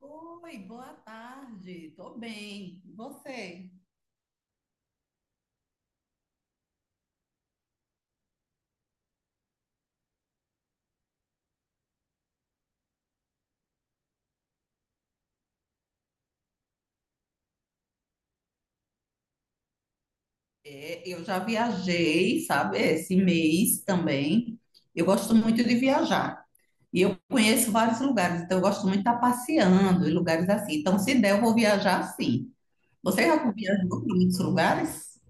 Oi, boa tarde. Tô bem. E você? É, eu já viajei, sabe, esse mês também. Eu gosto muito de viajar. E eu conheço vários lugares, então eu gosto muito de estar passeando em lugares assim. Então, se der, eu vou viajar sim. Você já viajou para muitos lugares?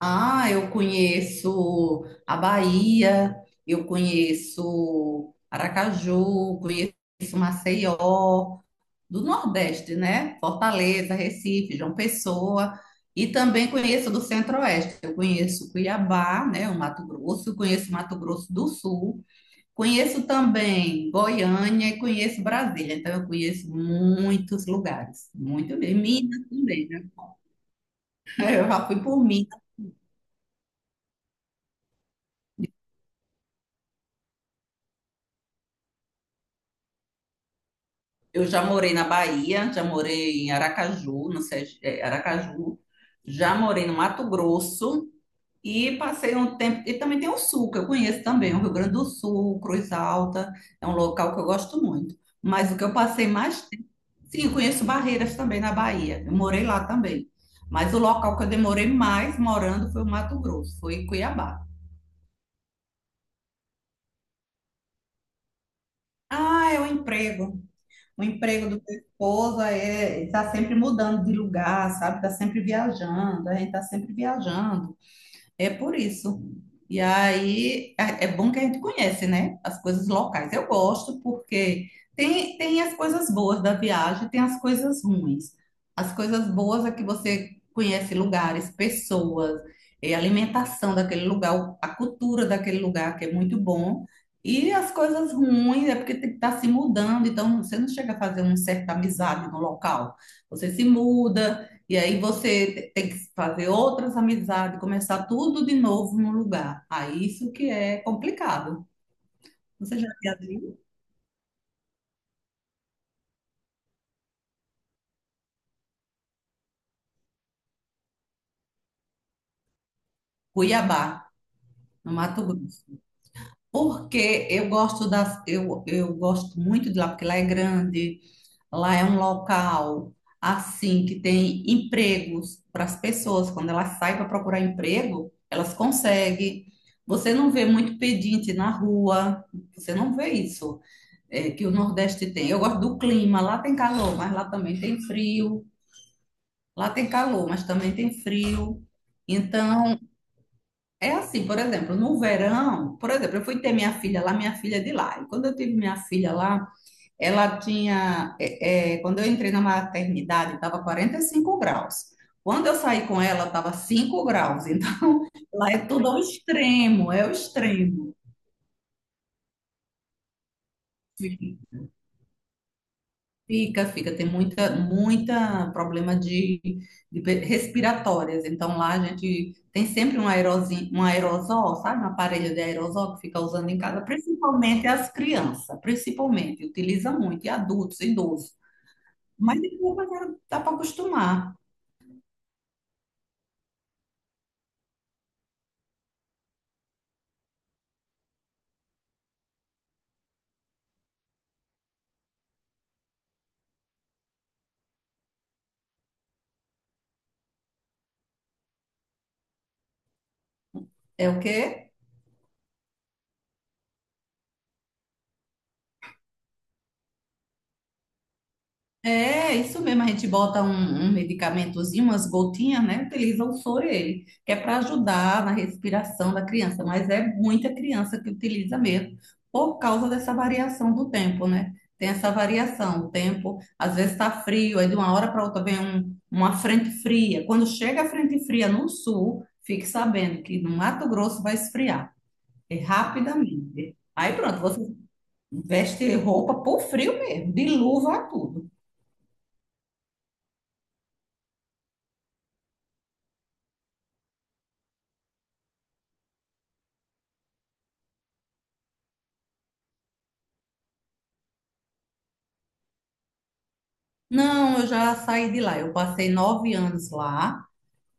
Ah, eu conheço a Bahia, eu conheço Aracaju, conheço Maceió, do Nordeste, né? Fortaleza, Recife, João Pessoa, e também conheço do Centro-Oeste. Eu conheço Cuiabá, né, o Mato Grosso, conheço Mato Grosso do Sul, conheço também Goiânia e conheço Brasília. Então, eu conheço muitos lugares, muito bem. Minas também, né? Eu já fui por Minas. Eu já morei na Bahia, já morei em Aracaju, no Aracaju, já morei no Mato Grosso. E passei um tempo. E também tem o Sul, que eu conheço também, o Rio Grande do Sul, Cruz Alta, é um local que eu gosto muito. Mas o que eu passei mais tempo. Sim, eu conheço Barreiras também na Bahia, eu morei lá também. Mas o local que eu demorei mais morando foi o Mato Grosso, foi Cuiabá. Ah, é o emprego. O emprego do meu esposo é, está sempre mudando de lugar, sabe? Está sempre viajando, a gente está sempre viajando. É por isso. E aí é bom que a gente conhece, né? As coisas locais. Eu gosto porque tem as coisas boas da viagem, tem as coisas ruins. As coisas boas é que você conhece lugares, pessoas, alimentação daquele lugar, a cultura daquele lugar, que é muito bom. E as coisas ruins é porque tem que estar se mudando, então você não chega a fazer uma certa amizade no local. Você se muda. E aí você tem que fazer outras amizades, começar tudo de novo no lugar. Aí isso que é complicado. Você já viu? Cuiabá, no Mato Grosso. Porque eu gosto das, eu gosto muito de lá, porque lá é grande, lá é um local assim que tem empregos para as pessoas. Quando elas saem para procurar emprego, elas conseguem. Você não vê muito pedinte na rua, você não vê isso é, que o Nordeste tem. Eu gosto do clima, lá tem calor, mas lá também tem frio. Lá tem calor, mas também tem frio. Então, é assim, por exemplo, no verão, por exemplo, eu fui ter minha filha lá, minha filha é de lá. E quando eu tive minha filha lá, ela tinha, é, é, quando eu entrei na maternidade, estava 45 graus. Quando eu saí com ela, estava 5 graus. Então, lá é tudo ao extremo, é o extremo. Fica, fica, tem muita problema de respiratórias. Então lá a gente tem sempre um aerozinho, um aerosol, sabe? Um aparelho de aerosol que fica usando em casa, principalmente as crianças, principalmente, utiliza muito, e adultos, idosos. Mas depois dá para acostumar. É o quê? É, isso mesmo, a gente bota um, um medicamentozinho, umas gotinhas, né? Utiliza o soro ele, que é para ajudar na respiração da criança, mas é muita criança que utiliza mesmo, por causa dessa variação do tempo, né? Tem essa variação, o tempo, às vezes tá frio, aí de uma hora para outra vem uma frente fria. Quando chega a frente fria no sul, fique sabendo que no Mato Grosso vai esfriar, é rapidamente. Aí pronto, você veste roupa por frio mesmo, de luva a tudo. Não, eu já saí de lá. Eu passei 9 anos lá.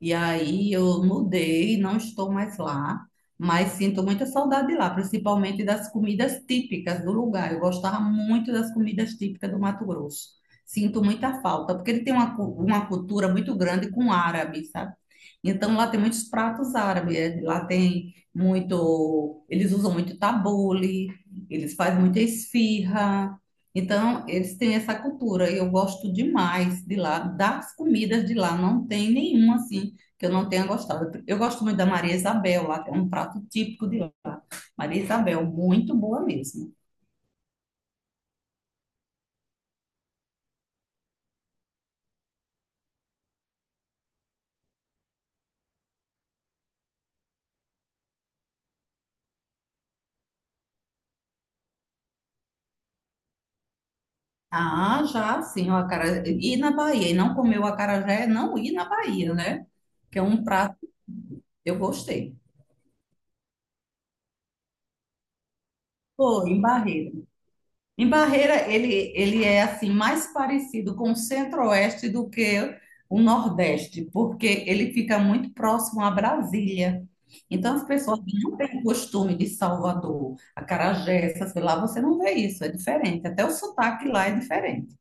E aí eu mudei, não estou mais lá, mas sinto muita saudade lá, principalmente das comidas típicas do lugar. Eu gostava muito das comidas típicas do Mato Grosso. Sinto muita falta, porque ele tem uma cultura muito grande com árabe, sabe? Então lá tem muitos pratos árabes, lá tem muito, eles usam muito tabule, eles fazem muita esfirra. Então, eles têm essa cultura e eu gosto demais de lá, das comidas de lá, não tem nenhuma assim que eu não tenha gostado. Eu gosto muito da Maria Isabel, lá que é um prato típico de lá. Maria Isabel, muito boa mesmo. Ah, já sim, o acarajé. Ir na Bahia e não comer o acarajé é não ir na Bahia, né? Que é um prato, eu gostei. Foi em Barreiras. Em Barreira, ele é assim mais parecido com o Centro-Oeste do que o Nordeste, porque ele fica muito próximo a Brasília. Então, as pessoas que não têm costume de Salvador, acarajé, essas coisas lá, você não vê isso, é diferente. Até o sotaque lá é diferente,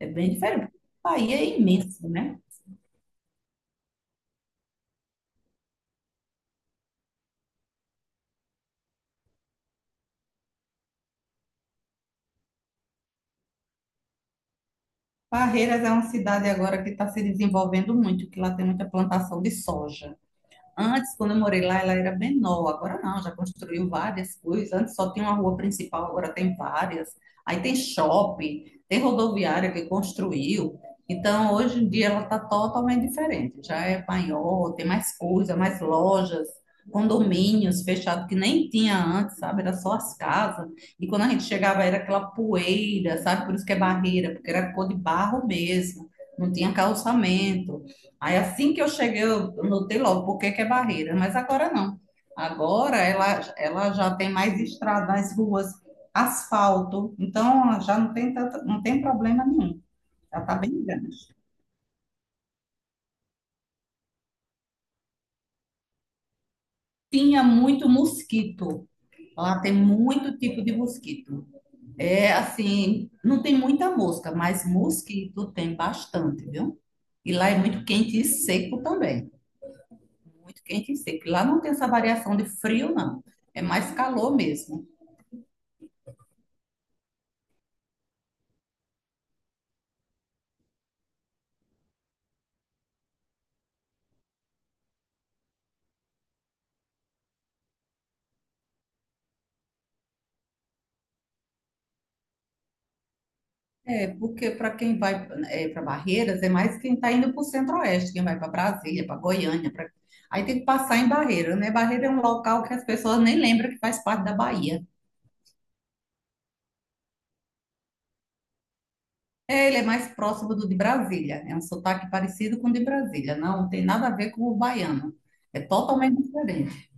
é bem diferente. O Bahia é imenso, né? Barreiras é uma cidade agora que está se desenvolvendo muito, que lá tem muita plantação de soja. Antes, quando eu morei lá, ela era menor. Agora não, já construiu várias coisas. Antes só tinha uma rua principal, agora tem várias. Aí tem shopping, tem rodoviária que construiu. Então, hoje em dia, ela está totalmente diferente. Já é maior, tem mais coisa, mais lojas, condomínios fechados que nem tinha antes, sabe? Era só as casas. E quando a gente chegava, era aquela poeira, sabe? Por isso que é barreira, porque era cor de barro mesmo. Não tinha calçamento. Aí assim que eu cheguei, eu notei logo por que que é barreira, mas agora não. Agora ela já tem mais estradas, ruas, asfalto, então já não tem tanto, não tem problema nenhum. Já está bem grande. Tinha muito mosquito. Lá tem muito tipo de mosquito. É assim, não tem muita mosca, mas mosquito tem bastante, viu? E lá é muito quente e seco também. Muito quente e seco. Lá não tem essa variação de frio, não. É mais calor mesmo. É, porque para quem vai para Barreiras, é mais quem está indo para o Centro-Oeste, quem vai para Brasília, para Goiânia. Aí tem que passar em Barreira, né? Barreira é um local que as pessoas nem lembram que faz parte da Bahia. É, ele é mais próximo do de Brasília. É um sotaque parecido com o de Brasília. Não tem nada a ver com o baiano. É totalmente diferente.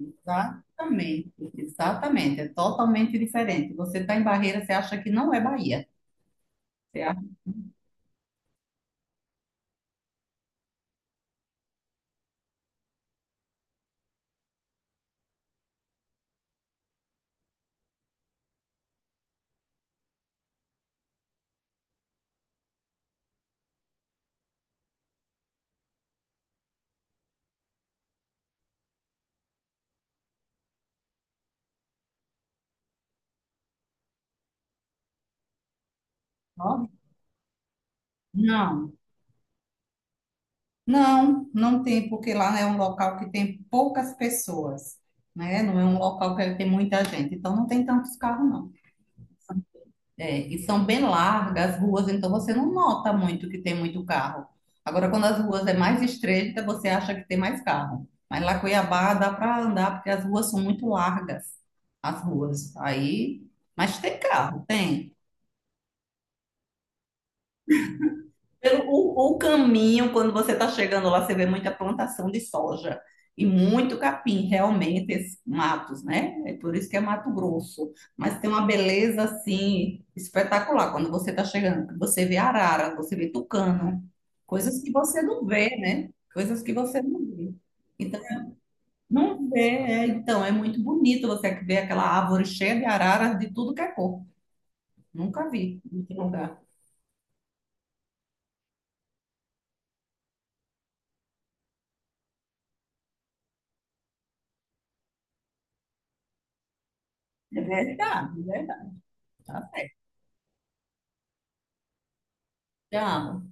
Exatamente. Exatamente. É totalmente diferente. Você está em Barreira, você acha que não é Bahia. Você acha que não? Não. Não, não tem, porque lá é um local que tem poucas pessoas, né? Não é um local que tem muita gente, então não tem tantos carros, não. É, e são bem largas as ruas, então você não nota muito que tem muito carro. Agora, quando as ruas é mais estreita, você acha que tem mais carro. Mas lá em Cuiabá dá para andar, porque as ruas são muito largas, as ruas. Aí, mas tem carro, tem. O caminho, quando você está chegando lá, você vê muita plantação de soja e muito capim, realmente, esses matos, né? É por isso que é Mato Grosso. Mas tem uma beleza, assim, espetacular quando você está chegando. Você vê arara, você vê tucano, coisas que você não vê, né? Coisas que você não vê. Então, não vê, então, é muito bonito você ver aquela árvore cheia de araras de tudo que é cor. Nunca vi em outro lugar. É verdade, é verdade. Tá certo. Já.